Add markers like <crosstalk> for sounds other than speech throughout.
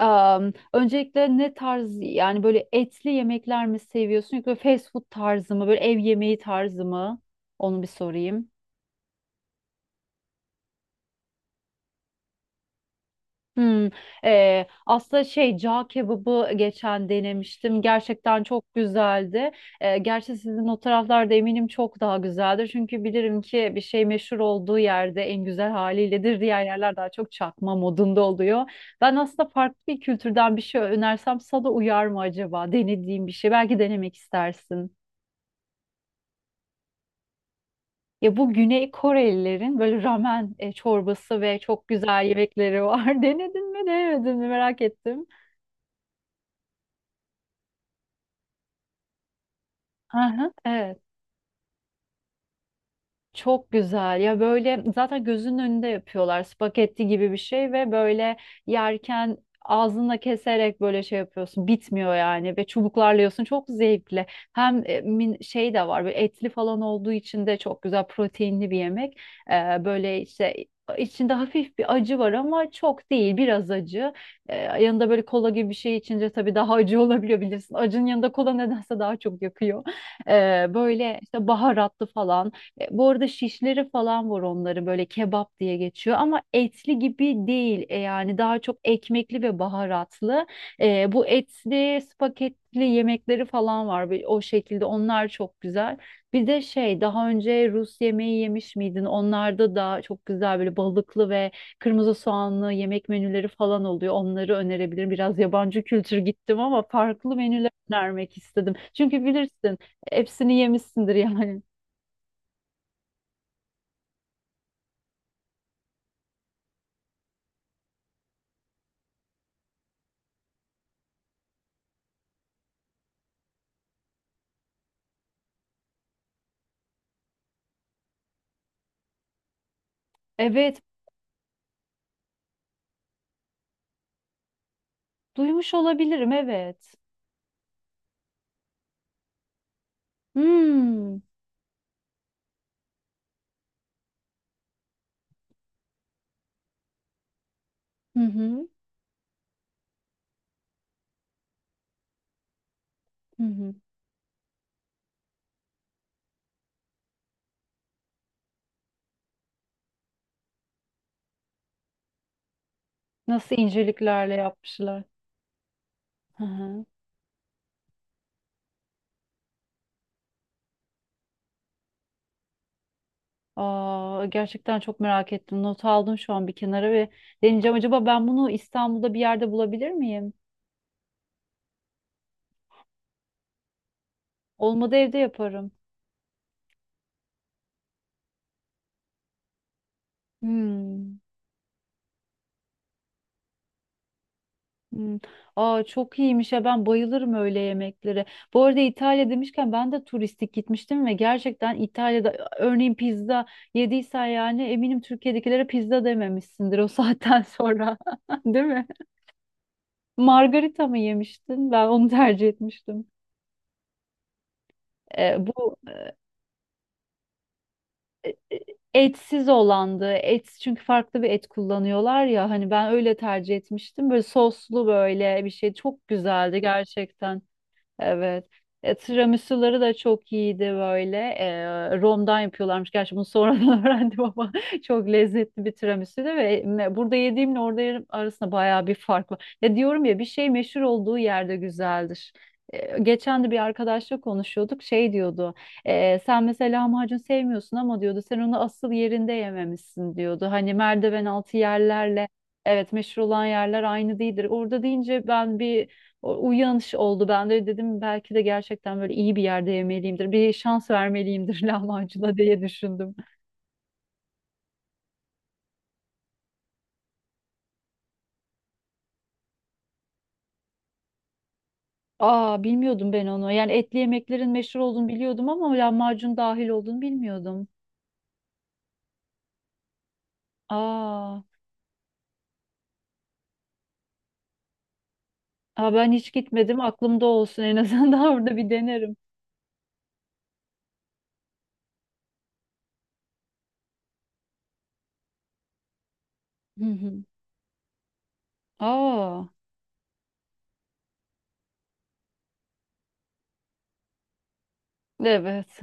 Öncelikle ne tarz, yani böyle etli yemekler mi seviyorsun yoksa fast food tarzı mı, böyle ev yemeği tarzı mı? Onu bir sorayım. Hmm. Aslında şey, cağ kebabı geçen denemiştim. Gerçekten çok güzeldi. Gerçi sizin o taraflarda eminim çok daha güzeldir. Çünkü bilirim ki bir şey meşhur olduğu yerde en güzel haliyledir. Diğer yerler daha çok çakma modunda oluyor. Ben aslında farklı bir kültürden bir şey önersem sana uyar mı acaba? Denediğim bir şey. Belki denemek istersin. Ya bu Güney Korelilerin böyle ramen çorbası ve çok güzel yemekleri var. <laughs> Denedin mi, denemedin mi merak ettim. Aha, evet. Çok güzel ya, böyle zaten gözünün önünde yapıyorlar, spagetti gibi bir şey ve böyle yerken ağzınla keserek böyle şey yapıyorsun, bitmiyor yani, ve çubuklarla yiyorsun, çok zevkli. Hem şey de var, böyle etli falan olduğu için de çok güzel proteinli bir yemek. Böyle işte, içinde hafif bir acı var ama çok değil, biraz acı. Yanında böyle kola gibi bir şey içince tabii daha acı <laughs> olabiliyor, bilirsin acının yanında kola nedense daha çok yakıyor. Böyle işte baharatlı falan. Bu arada şişleri falan var, onları böyle kebap diye geçiyor ama etli gibi değil. Yani daha çok ekmekli ve baharatlı. Bu etli spagetli yemekleri falan var. O şekilde onlar çok güzel. Bir de şey, daha önce Rus yemeği yemiş miydin? Onlarda da çok güzel böyle balıklı ve kırmızı soğanlı yemek menüleri falan oluyor. Onları önerebilirim. Biraz yabancı kültür gittim ama farklı menüler önermek istedim. Çünkü bilirsin hepsini yemişsindir yani. Evet. Duymuş olabilirim, evet. Hmm. Hı hı. Hı hı. Nasıl inceliklerle yapmışlar. Hı hı. Aa, gerçekten çok merak ettim. Not aldım şu an bir kenara ve deneyeceğim. Acaba ben bunu İstanbul'da bir yerde bulabilir miyim? Olmadı evde yaparım. Hmm. Hmm. Aa çok iyiymiş ya, ben bayılırım öyle yemeklere. Bu arada İtalya demişken, ben de turistik gitmiştim ve gerçekten İtalya'da, örneğin pizza yediysen, yani eminim Türkiye'dekilere pizza dememişsindir o saatten sonra. <laughs> Değil mi? Margarita mı yemiştin? Ben onu tercih etmiştim. Ee, bu e, e, Etsiz olandı. Et çünkü farklı bir et kullanıyorlar ya, hani ben öyle tercih etmiştim. Böyle soslu, böyle bir şey, çok güzeldi gerçekten. Evet. Tiramisuları da çok iyiydi böyle. Romdan yapıyorlarmış. Gerçi bunu sonradan <laughs> öğrendim ama <laughs> çok lezzetli bir tiramisu'ydu ve burada yediğimle orada yerim arasında bayağı bir fark var. Ya diyorum ya, bir şey meşhur olduğu yerde güzeldir. Geçen de bir arkadaşla konuşuyorduk. Şey diyordu. Sen mesela lahmacun sevmiyorsun, ama diyordu sen onu asıl yerinde yememişsin diyordu. Hani merdiven altı yerlerle. Evet, meşhur olan yerler aynı değildir. Orada deyince ben bir, o uyanış oldu bende. Dedim belki de gerçekten böyle iyi bir yerde yemeliyimdir. Bir şans vermeliyimdir <laughs> lahmacuna diye düşündüm. Aa bilmiyordum ben onu. Yani etli yemeklerin meşhur olduğunu biliyordum ama lahmacun dahil olduğunu bilmiyordum. Aa. Aa ben hiç gitmedim. Aklımda olsun, en azından <laughs> orada bir denerim. Hı hı. Aa evet.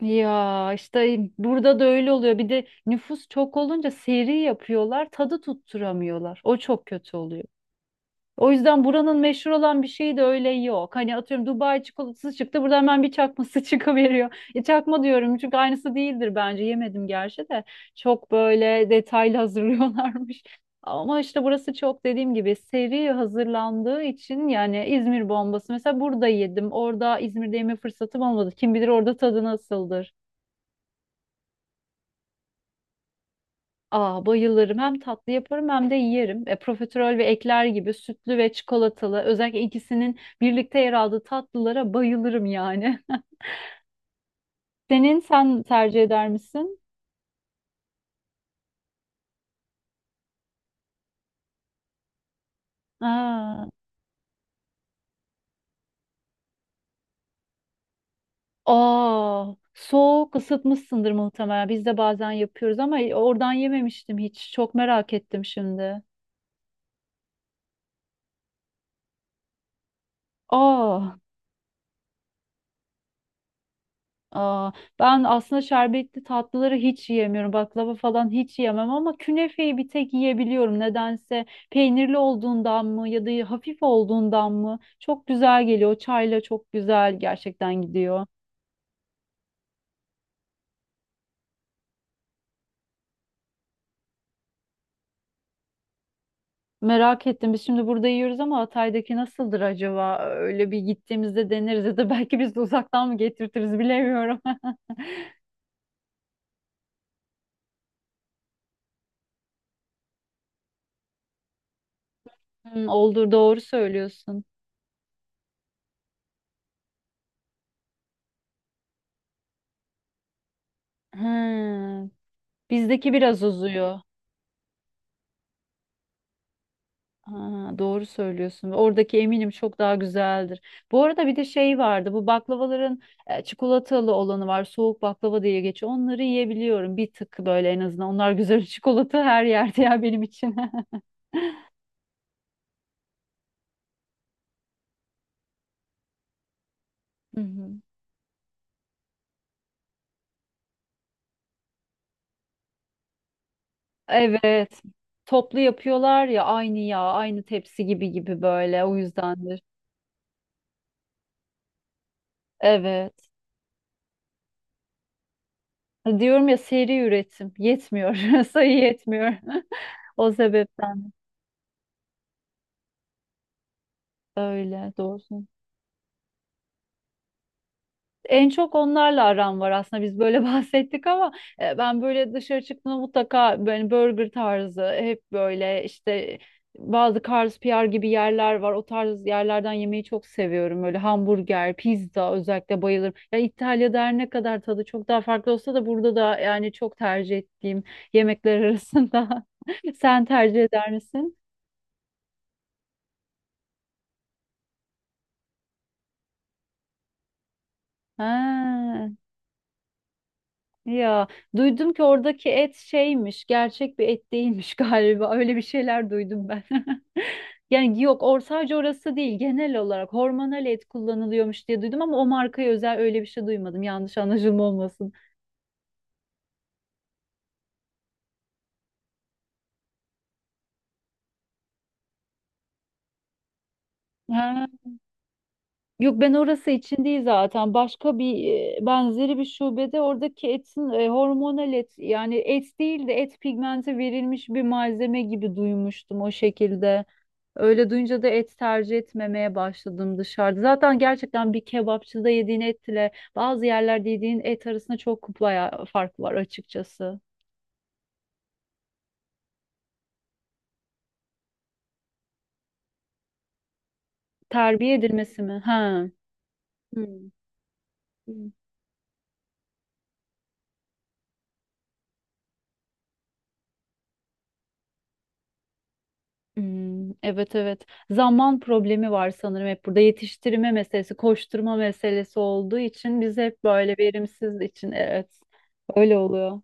Ya işte burada da öyle oluyor. Bir de nüfus çok olunca seri yapıyorlar, tadı tutturamıyorlar. O çok kötü oluyor. O yüzden buranın meşhur olan bir şeyi de öyle yok. Hani atıyorum, Dubai çikolatası çıktı. Burada hemen bir çakması <laughs> çıkıveriyor. Çakma diyorum çünkü aynısı değildir bence. Yemedim gerçi de. Çok böyle detaylı <laughs> hazırlıyorlarmış. Ama işte burası çok, dediğim gibi, seri hazırlandığı için. Yani İzmir bombası mesela burada yedim. Orada İzmir'de yeme fırsatım olmadı. Kim bilir orada tadı nasıldır. Aa, bayılırım. Hem tatlı yaparım hem de yerim. Profiterol ve ekler gibi sütlü ve çikolatalı, özellikle ikisinin birlikte yer aldığı tatlılara bayılırım yani. <laughs> Sen tercih eder misin? Aa. Aa, soğuk ısıtmışsındır muhtemelen. Biz de bazen yapıyoruz ama oradan yememiştim hiç. Çok merak ettim şimdi. Aa. Aa, ben aslında şerbetli tatlıları hiç yiyemiyorum. Baklava falan hiç yiyemem ama künefeyi bir tek yiyebiliyorum. Nedense peynirli olduğundan mı ya da hafif olduğundan mı çok güzel geliyor. Çayla çok güzel gerçekten gidiyor. Merak ettim. Biz şimdi burada yiyoruz ama Hatay'daki nasıldır acaba? Öyle bir gittiğimizde deneriz ya da <laughs> belki biz de uzaktan mı getirtiriz, bilemiyorum. <laughs> Hmm, olur, doğru söylüyorsun. Hmm, bizdeki biraz uzuyor. Ha, doğru söylüyorsun. Ve oradaki eminim çok daha güzeldir. Bu arada bir de şey vardı. Bu baklavaların çikolatalı olanı var. Soğuk baklava diye geçiyor. Onları yiyebiliyorum. Bir tık böyle en azından. Onlar güzel. <laughs> Çikolata her yerde ya benim için. <laughs> Hı hı. Evet. Toplu yapıyorlar ya, aynı yağ, aynı tepsi gibi gibi böyle. O yüzdendir. Evet. Diyorum ya, seri üretim yetmiyor. <laughs> Sayı yetmiyor. <laughs> O sebepten öyle, doğru. En çok onlarla aram var aslında, biz böyle <laughs> bahsettik ama ben böyle dışarı çıktığımda mutlaka böyle burger tarzı, hep böyle işte bazı Carl's PR gibi yerler var. O tarz yerlerden yemeyi çok seviyorum. Böyle hamburger, pizza özellikle bayılırım. Ya İtalya'da her ne kadar tadı çok daha farklı olsa da, burada da yani çok tercih ettiğim yemekler arasında. <laughs> Sen tercih eder misin? Ha. Ya duydum ki oradaki et şeymiş, gerçek bir et değilmiş <laughs> galiba. Öyle bir şeyler duydum ben. <laughs> Yani yok, or sadece orası değil, genel olarak hormonal et kullanılıyormuş diye duydum, ama o markaya özel öyle bir şey duymadım. Yanlış anlaşılma olmasın. Ha. Yok, ben orası için değil zaten. Başka bir benzeri bir şubede oradaki etin hormonal et, yani et değil de et pigmenti verilmiş bir malzeme gibi duymuştum, o şekilde. Öyle duyunca da et tercih etmemeye başladım dışarıda. Zaten gerçekten bir kebapçıda yediğin etle bazı yerlerde yediğin et arasında çok bayağı fark var açıkçası. Terbiye edilmesi mi? Ha. Hmm. Hmm. Hmm, evet evet. Zaman problemi var sanırım hep, burada yetiştirme meselesi, koşturma meselesi olduğu için biz hep böyle verimsiz için, evet. Öyle oluyor.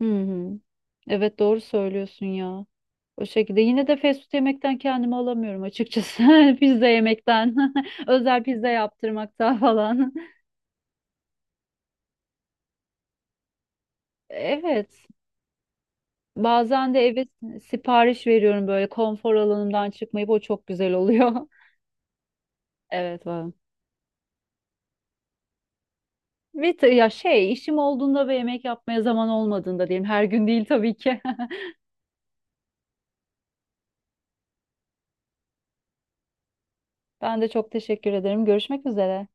Hı hı. Evet doğru söylüyorsun ya. O şekilde yine de fast food yemekten kendimi alamıyorum açıkçası. <laughs> Pizza yemekten. <laughs> Özel pizza yaptırmaktan falan. <laughs> Evet. Bazen de eve sipariş veriyorum, böyle konfor alanımdan çıkmayıp, o çok güzel oluyor. <laughs> Evet var. Ya şey, işim olduğunda ve yemek yapmaya zaman olmadığında diyeyim. Her gün değil tabii ki. <laughs> Ben de çok teşekkür ederim. Görüşmek üzere.